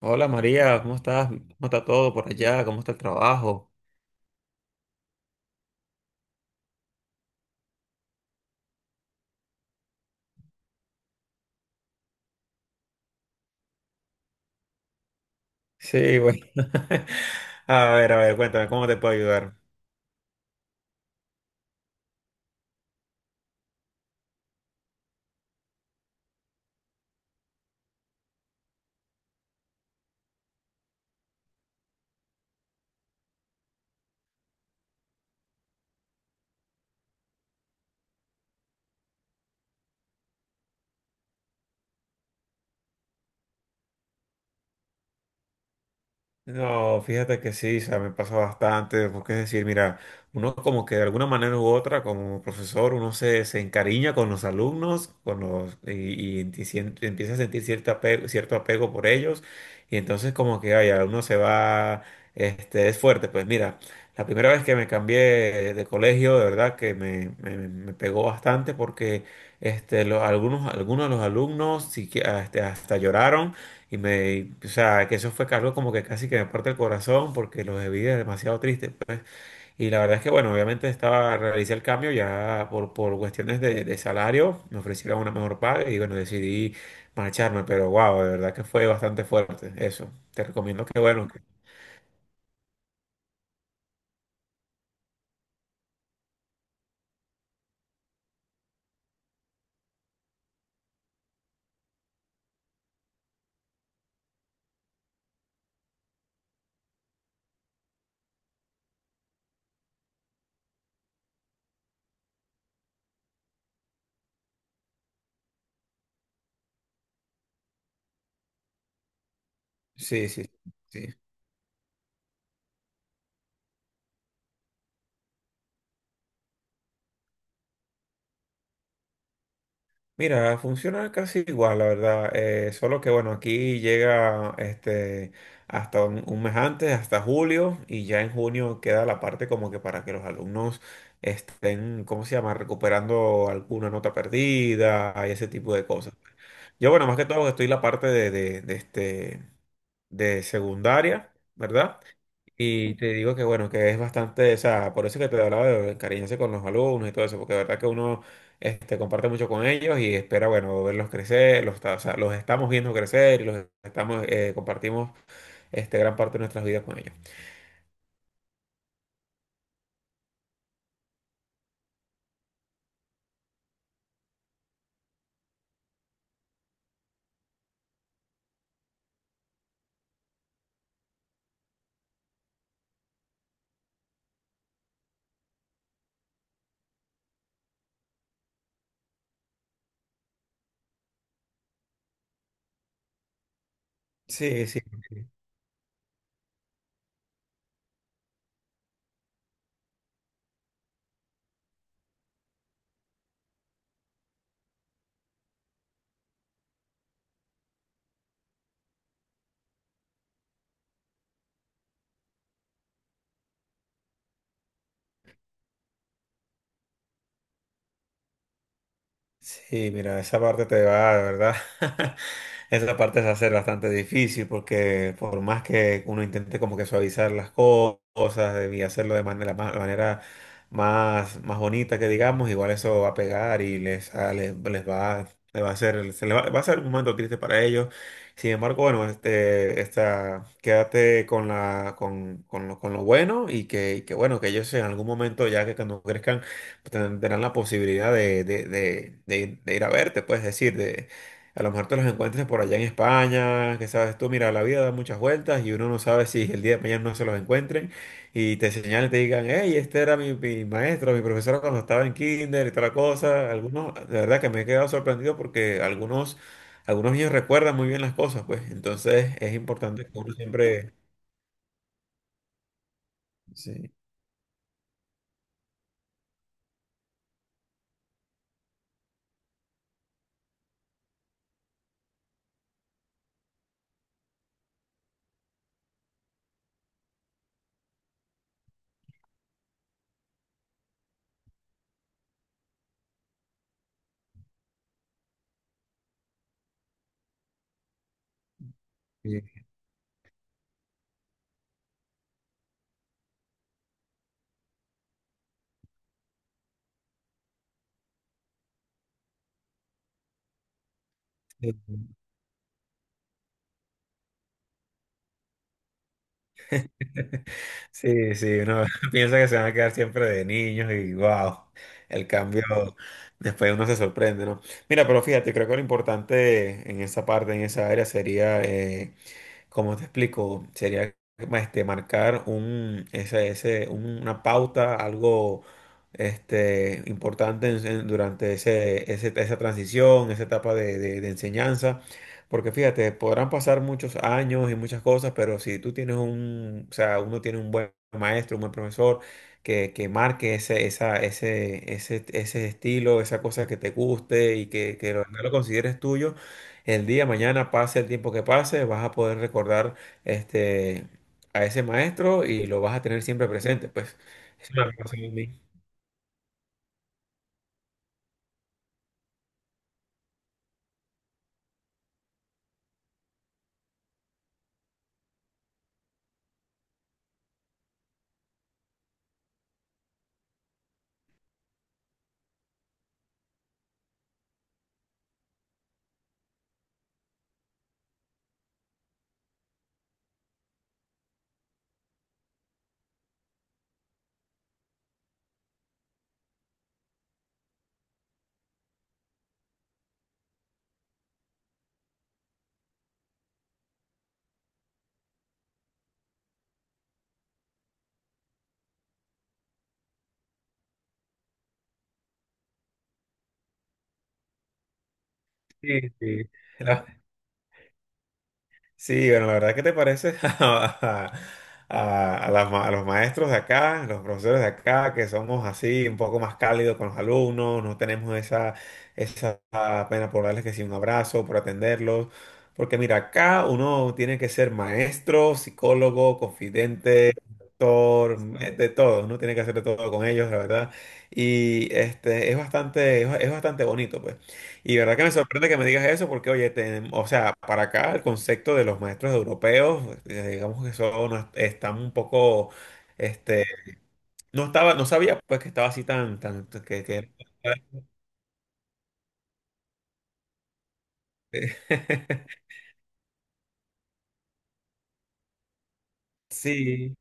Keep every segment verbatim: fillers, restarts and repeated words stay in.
Hola María, ¿cómo estás? ¿Cómo está todo por allá? ¿Cómo está el trabajo? Sí, bueno. A ver, a ver, cuéntame, ¿cómo te puedo ayudar? No, fíjate que sí, o sea, me pasa bastante, porque es decir, mira, uno como que de alguna manera u otra, como profesor, uno se, se encariña con los alumnos, con los, y, y enti- sien- empieza a sentir cierto apego, cierto apego por ellos, y entonces como que, ay, ya uno se va, este, es fuerte, pues mira, la primera vez que me cambié de colegio, de verdad que me, me, me pegó bastante, porque, este, los, algunos, algunos de los alumnos, sí que, este, hasta lloraron y me, o sea, que eso fue algo como que casi que me parte el corazón porque los vi demasiado triste pues. Y la verdad es que, bueno, obviamente estaba, realicé el cambio ya por, por cuestiones de, de salario, me ofrecieron una mejor paga y bueno, decidí marcharme, pero wow, de verdad que fue bastante fuerte eso. Te recomiendo que, bueno, que- sí, sí, sí. Mira, funciona casi igual, la verdad. Eh, solo que bueno, aquí llega este hasta un, un mes antes, hasta julio, y ya en junio queda la parte como que para que los alumnos estén, ¿cómo se llama? Recuperando alguna nota perdida y ese tipo de cosas. Yo, bueno, más que todo estoy en la parte de, de, de este, de secundaria, ¿verdad? Y te digo que bueno, que es bastante, o sea, por eso que te hablaba de encariñarse con los alumnos y todo eso, porque de verdad que uno este, comparte mucho con ellos y espera, bueno, verlos crecer, los, está- o sea, los estamos viendo crecer y los estamos, eh, compartimos este, gran parte de nuestras vidas con ellos. Sí, sí. Sí, mira, esa parte te va, de verdad. Esa parte se hace bastante difícil porque por más que uno intente como que suavizar las co- cosas eh, y hacerlo de manera más, manera más, más bonita que digamos, igual eso va a pegar y les, a- les, les va, les va a hacer, se les va, va a ser un momento triste para ellos. Sin embargo, bueno, este, esta, quédate con la, con, con lo, con lo bueno y que, y que bueno, que ellos en algún momento ya que cuando crezcan ten- tendrán la posibilidad de, de- de- de ir de ir a verte, puedes decir, de, a lo mejor te los encuentres por allá en España, que sabes tú, mira, la vida da muchas vueltas y uno no sabe si el día de mañana no se los encuentren y te señalen, te digan, hey, este era mi, mi maestro, mi profesor cuando estaba en kinder y toda la cosa. Algunos, de verdad que me he quedado sorprendido porque algunos, algunos niños recuerdan muy bien las cosas, pues, entonces es importante que uno siempre... Sí. Sí. Sí, sí, uno piensa que se van a quedar siempre de niños y wow, el cambio, después uno se sorprende, ¿no? Mira, pero fíjate, creo que lo importante en esa parte, en esa área, sería eh, como te explico, sería este, marcar un, ese, ese, un- una pauta, algo este, importante en- en- durante ese, ese- esa transición, esa etapa de, de- de enseñanza. Porque fíjate, podrán pasar muchos años y muchas cosas, pero si tú tienes un, o sea, uno tiene un buen maestro, un buen profesor que, que marque ese, esa, ese, ese, ese estilo, esa cosa que te guste y que, que lo lo consideres tuyo el día, mañana, pase el tiempo que pase, vas a poder recordar este, a ese maestro y lo vas a tener siempre presente. Pues es una relación muy- sí, sí. Sí, bueno, la verdad, ¿qué te parece a, a- a las ma- a los maestros de acá, los profesores de acá, que somos así un poco más cálidos con los alumnos, no tenemos esa, esa pena por darles que sí un abrazo, por atenderlos? Porque mira, acá uno tiene que ser maestro, psicólogo, confidente, doctor, de todo, uno tiene que hacer de todo con ellos, la verdad. Y este, es bastante, es bastante bonito, pues. Y verdad que me sorprende que me digas eso porque, oye, ten- o sea, para acá el concepto de los maestros europeos, eh, digamos que son, no- están un poco, este, no estaba, no sabía pues que estaba así tan, tan, que, que... Sí.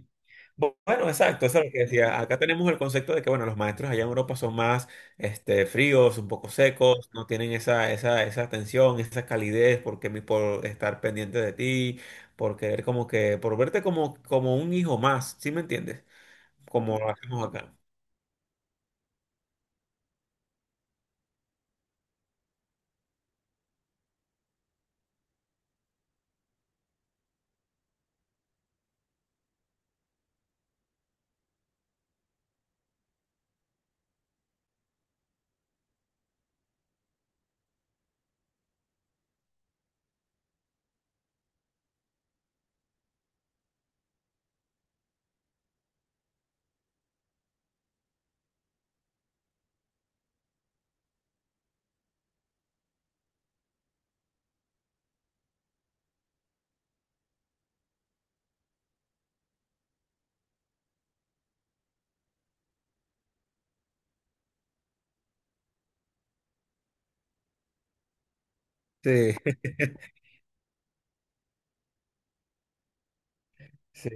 Bu- Bueno, exacto, eso es lo que decía. Acá tenemos el concepto de que, bueno, los maestros allá en Europa son más, este, fríos, un poco secos, no tienen esa, esa, esa atención, esa calidez porque mi- por estar pendiente de ti, por querer como que, por verte como, como un hijo más, ¿sí me entiendes? Como lo hacemos acá. Sí, sí.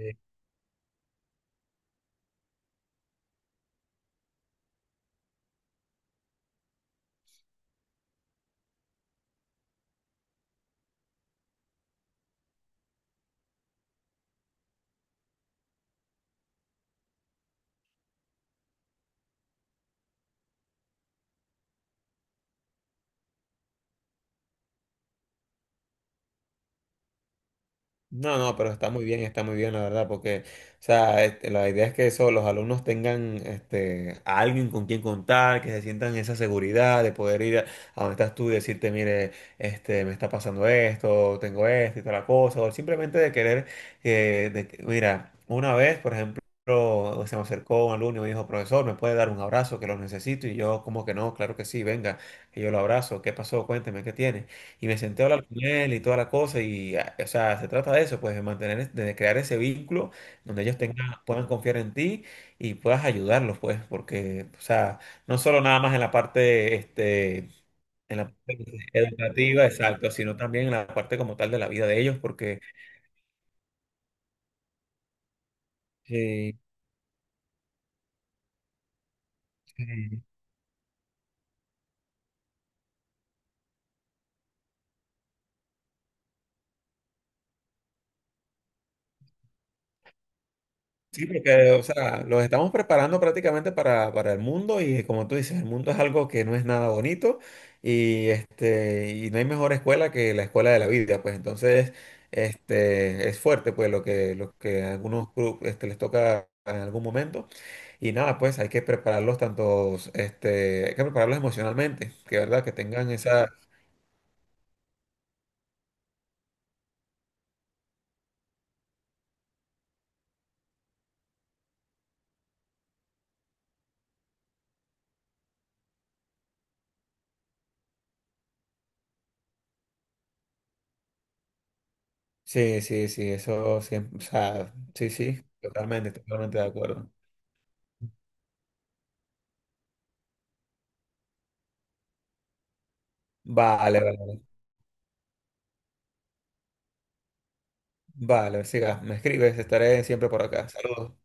No, no, pero está muy bien, está muy bien, la verdad, porque, o sea, este, la idea es que eso, los alumnos tengan este, a alguien con quien contar, que se sientan esa seguridad de poder ir a, a donde estás tú y decirte, mire, este, me está pasando esto, tengo esto y tal la cosa, o simplemente de querer, eh, de que- mira, una vez, por ejemplo, se me acercó un alumno y me dijo, profesor, ¿me puede dar un abrazo que lo necesito? Y yo, como que no, claro que sí, venga, y yo lo abrazo, ¿qué pasó? Cuénteme, ¿qué tiene? Y me senté a hablar con él y toda la cosa. Y, ah, o sea, se trata de eso, pues, de mantener, es- de crear ese vínculo donde ellos tengan, puedan confiar en ti y puedas ayudarlos, pues, porque, o sea, no solo nada más en la parte, este, en la parte pues, educativa, exacto, sino también en la parte como tal de la vida de ellos, porque... Sí, sí. Sí, porque, o sea, los estamos preparando prácticamente para, para el mundo y como tú dices, el mundo es algo que no es nada bonito y, este, y no hay mejor escuela que la escuela de la vida, pues entonces este, es fuerte pues lo que, lo que a algunos cru- este, les toca en algún momento y nada, pues hay que prepararlos tantos, este, hay que prepararlos emocionalmente, que verdad, que tengan esa... Sí, sí, sí, eso siempre, o sea, sí, sí, totalmente, totalmente de acuerdo. Vale, vale. Vale. Vale, siga, me escribes, estaré siempre por acá. Saludos.